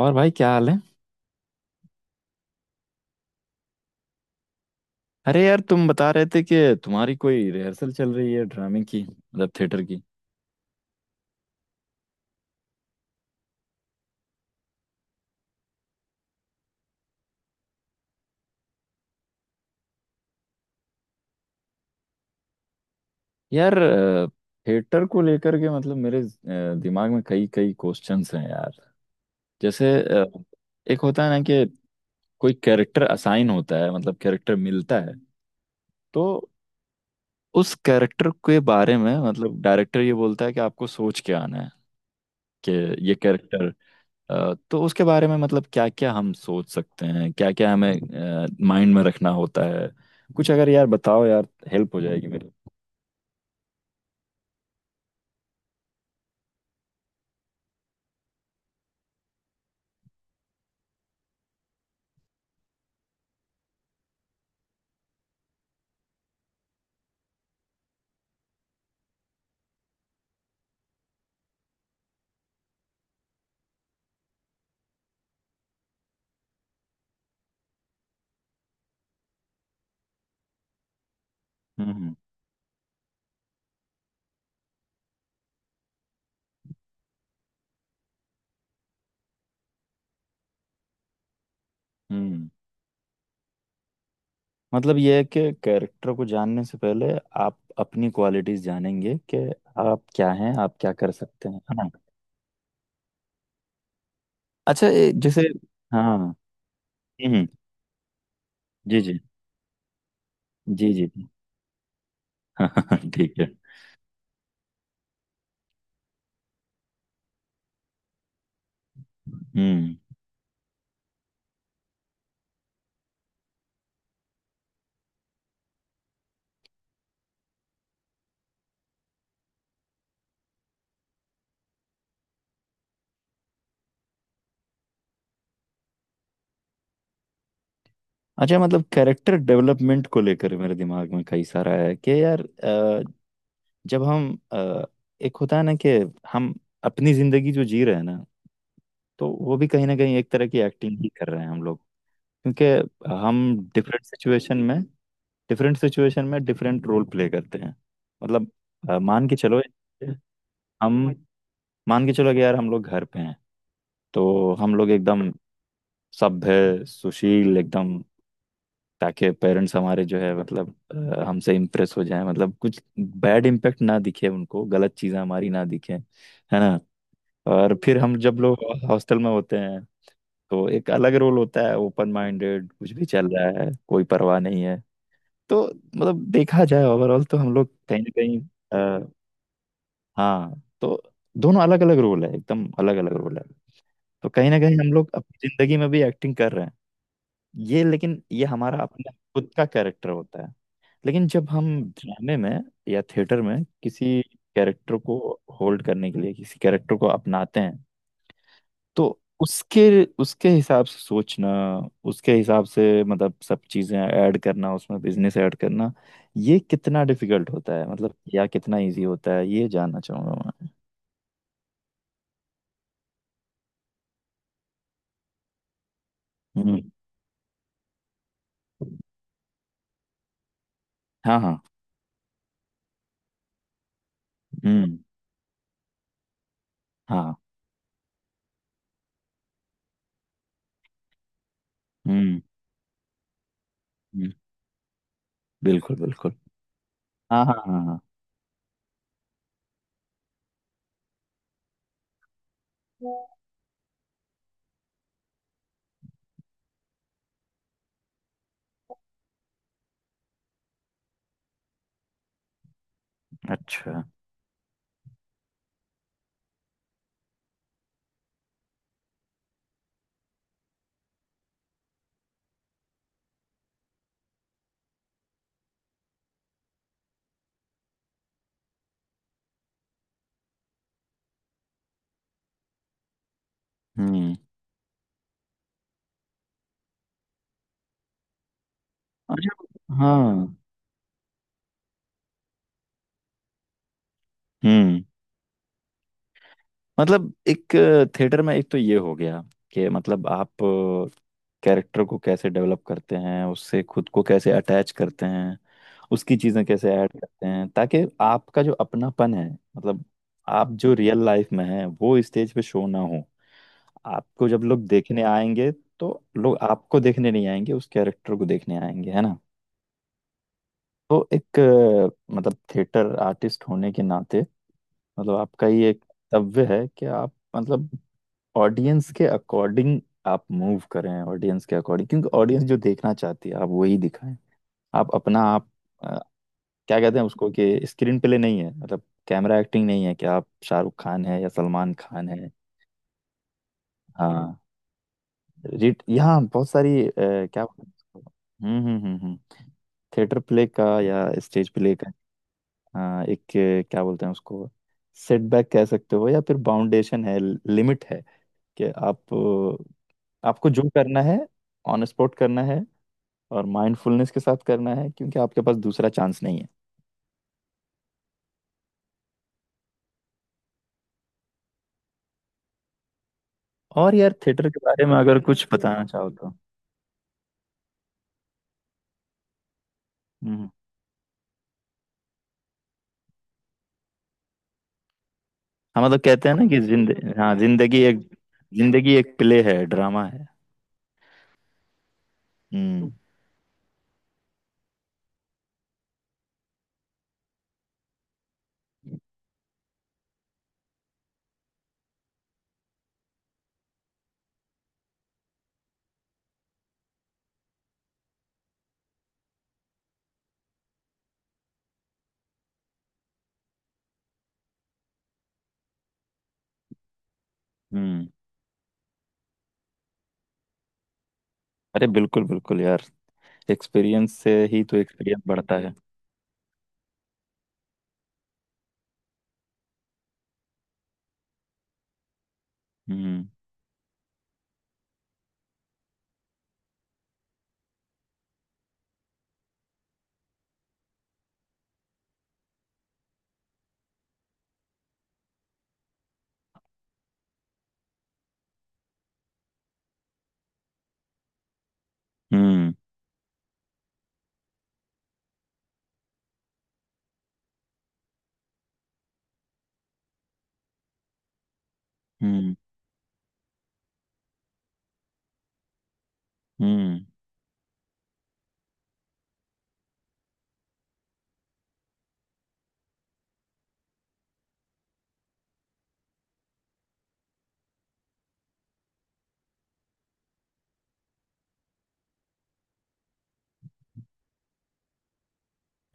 और भाई क्या हाल है। अरे यार, तुम बता रहे थे कि तुम्हारी कोई रिहर्सल चल रही है ड्रामे की, मतलब थिएटर की। यार, थिएटर को लेकर के मतलब मेरे दिमाग में कई कई क्वेश्चंस हैं यार। जैसे एक होता है ना कि कोई कैरेक्टर असाइन होता है, मतलब कैरेक्टर मिलता है। तो उस कैरेक्टर के बारे में मतलब डायरेक्टर ये बोलता है कि आपको सोच के आना है कि ये कैरेक्टर तो उसके बारे में मतलब क्या क्या हम सोच सकते हैं, क्या क्या हमें माइंड में रखना होता है। कुछ अगर यार बताओ यार, हेल्प हो जाएगी मेरी। हम्म। हम्म। मतलब ये है कि कैरेक्टर को जानने से पहले आप अपनी क्वालिटीज जानेंगे कि आप क्या हैं, आप क्या कर सकते हैं, है ना। अच्छा, जैसे। हाँ। हम्म। जी जी जी जी जी, हाँ ठीक है। हम्म। अच्छा, मतलब कैरेक्टर डेवलपमेंट को लेकर मेरे दिमाग में कई सारा है कि यार जब हम एक होता है ना कि हम अपनी जिंदगी जो जी रहे हैं ना, तो वो भी कहीं ना कहीं एक तरह की एक्टिंग ही कर रहे हैं हम लोग। क्योंकि हम डिफरेंट सिचुएशन में डिफरेंट सिचुएशन में डिफरेंट रोल प्ले करते हैं। मतलब अ, मान के चलो हम मान के चलो कि यार हम लोग घर पे हैं। तो हम लोग एकदम सभ्य सुशील, एकदम ताकि पेरेंट्स हमारे जो है मतलब हमसे इम्प्रेस हो जाए, मतलब कुछ बैड इम्पैक्ट ना दिखे उनको, गलत चीज़ें हमारी ना दिखे, है ना। और फिर हम जब लोग हॉस्टल में होते हैं, तो एक अलग रोल होता है, ओपन माइंडेड, कुछ भी चल रहा है, कोई परवाह नहीं है। तो मतलब देखा जाए ओवरऑल, तो हम लोग कहीं ना कहीं अ, हाँ, तो दोनों अलग अलग रोल है, एकदम अलग अलग रोल है। तो कहीं ना कहीं हम लोग अपनी जिंदगी में भी एक्टिंग कर रहे हैं। ये लेकिन ये हमारा अपना खुद का कैरेक्टर होता है। लेकिन जब हम ड्रामे में या थिएटर में किसी कैरेक्टर को होल्ड करने के लिए किसी कैरेक्टर को अपनाते हैं, तो उसके उसके हिसाब से सोचना, उसके हिसाब से मतलब सब चीज़ें ऐड करना, उसमें बिजनेस ऐड करना, ये कितना डिफिकल्ट होता है मतलब या कितना इजी होता है, ये जानना चाहूंगा मैं। हम्म। हाँ हाँ। हम्म। हाँ। हम्म। हम्म, बिल्कुल बिल्कुल। हाँ हाँ हाँ हाँ। अच्छा। हम्म। अच्छा। हाँ। हम्म। मतलब एक थिएटर में एक तो ये हो गया कि मतलब आप कैरेक्टर को कैसे डेवलप करते हैं, उससे खुद को कैसे अटैच करते हैं, उसकी चीज़ें कैसे ऐड करते हैं, ताकि आपका जो अपनापन है, मतलब आप जो रियल लाइफ में हैं, वो स्टेज पे शो ना हो। आपको जब लोग देखने आएंगे, तो लोग आपको देखने नहीं आएंगे, उस कैरेक्टर को देखने आएंगे, है ना। तो एक मतलब थिएटर आर्टिस्ट होने के नाते मतलब आपका ये एक कर्तव्य है कि आप मतलब ऑडियंस के अकॉर्डिंग आप मूव करें, ऑडियंस के अकॉर्डिंग, क्योंकि ऑडियंस जो देखना चाहती है आप वही दिखाएं। आप अपना आप अ, क्या कहते हैं उसको कि स्क्रीन प्ले नहीं है, मतलब कैमरा एक्टिंग नहीं है कि आप शाहरुख खान है या सलमान खान है। हाँ। रिट यहाँ बहुत सारी क्या बोलते हैं उसको? हम्म। थिएटर प्ले का या स्टेज प्ले का। हाँ, एक क्या बोलते हैं उसको, सेटबैक कह सकते हो या फिर बाउंडेशन है, लिमिट है कि आप आपको जो करना है ऑन स्पॉट करना है, और माइंडफुलनेस के साथ करना है, क्योंकि आपके पास दूसरा चांस नहीं है। और यार थिएटर के बारे में अगर कुछ बताना चाहो तो। हम्म। हम तो कहते हैं ना कि जिंद हाँ, जिंदगी एक प्ले है, ड्रामा है। हम्म। हम्म। अरे बिल्कुल बिल्कुल यार, एक्सपीरियंस से ही तो एक्सपीरियंस बढ़ता है। हम्म हम्म हम्म हम्म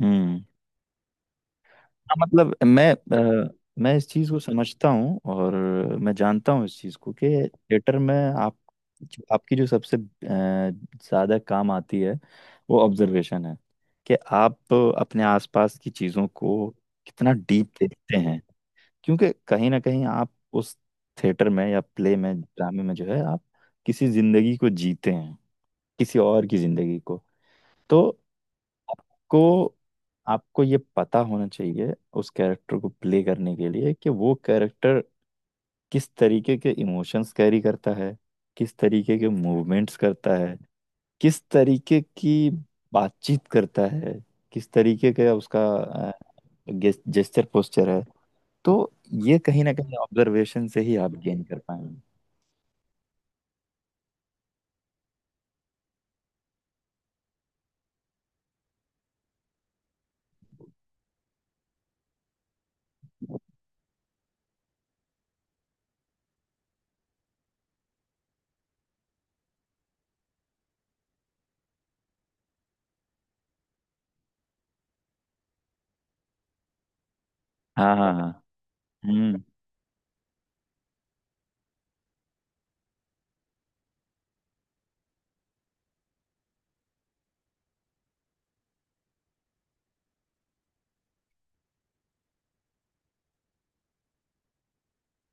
हम्म। हाँ, मतलब अ, मैं इस चीज़ को समझता हूँ, और मैं जानता हूँ इस चीज़ को कि थिएटर में आप आपकी जो सबसे ज़्यादा काम आती है वो ऑब्जर्वेशन है, कि आप अपने आसपास की चीज़ों को कितना डीप देखते हैं। क्योंकि कहीं ना कहीं आप उस थिएटर में या प्ले में ड्रामे में जो है, आप किसी ज़िंदगी को जीते हैं, किसी और की ज़िंदगी को। तो आपको आपको ये पता होना चाहिए उस कैरेक्टर को प्ले करने के लिए कि वो कैरेक्टर किस तरीके के इमोशंस कैरी करता है, किस तरीके के मूवमेंट्स करता है, किस तरीके की बातचीत करता है, किस तरीके का उसका जेस्चर पोस्चर है। तो ये कहीं ना कहीं ऑब्जर्वेशन से ही आप गेन कर पाएंगे। हाँ हाँ हाँ। हम्म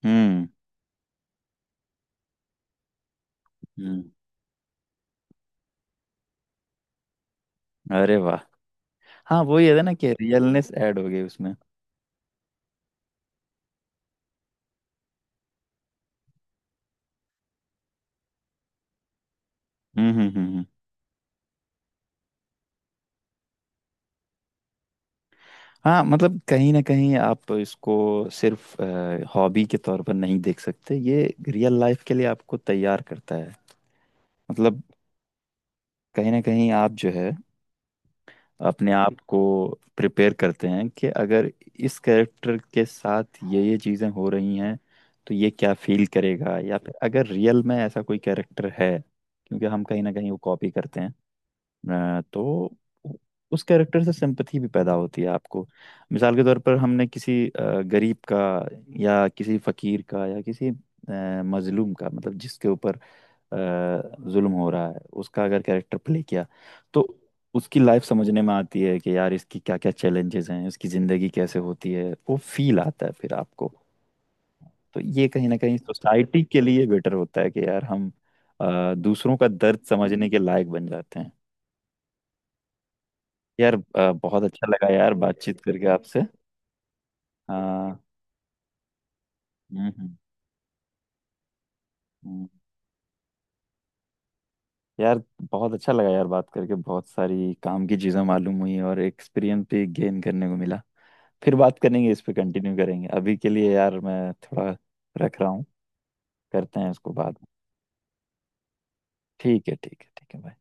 हम्म हम्म। अरे वाह। हाँ, वही है ना कि रियलनेस ऐड हो गई उसमें। हम्म हम्म हम्म हम्म। हाँ, मतलब कहीं ना कहीं आप इसको सिर्फ हॉबी के तौर पर नहीं देख सकते, ये रियल लाइफ के लिए आपको तैयार करता है। मतलब कहीं ना कहीं आप जो है अपने आप को प्रिपेयर करते हैं कि अगर इस कैरेक्टर के साथ ये चीज़ें हो रही हैं, तो ये क्या फील करेगा, या फिर अगर रियल में ऐसा कोई कैरेक्टर है, क्योंकि हम कहीं ना कहीं वो कॉपी करते हैं। तो उ- उस कैरेक्टर से सिंपथी भी पैदा होती है आपको। मिसाल के तौर पर हमने किसी गरीब का या किसी फकीर का या किसी मजलूम का, मतलब जिसके ऊपर जुल्म हो रहा है उसका, अगर कैरेक्टर प्ले किया, तो उसकी लाइफ समझने में आती है कि यार इसकी क्या क्या चैलेंजेस हैं, इसकी ज़िंदगी कैसे होती है, वो फील आता है फिर आपको। तो ये कहीं ना कहीं सोसाइटी के लिए बेटर होता है कि यार हम दूसरों का दर्द समझने के लायक बन जाते हैं। यार बहुत अच्छा लगा यार बातचीत करके आपसे। हाँ। हम्म हम्म, हम्म। यार, बहुत अच्छा लगा यार बात करके, बहुत सारी काम की चीज़ें मालूम हुई और एक्सपीरियंस भी गेन करने को मिला। फिर बात करेंगे, इस पे कंटिन्यू करेंगे, अभी के लिए यार मैं थोड़ा रख रहा हूँ, करते हैं इसको बाद में। ठीक है, ठीक है, ठीक है भाई।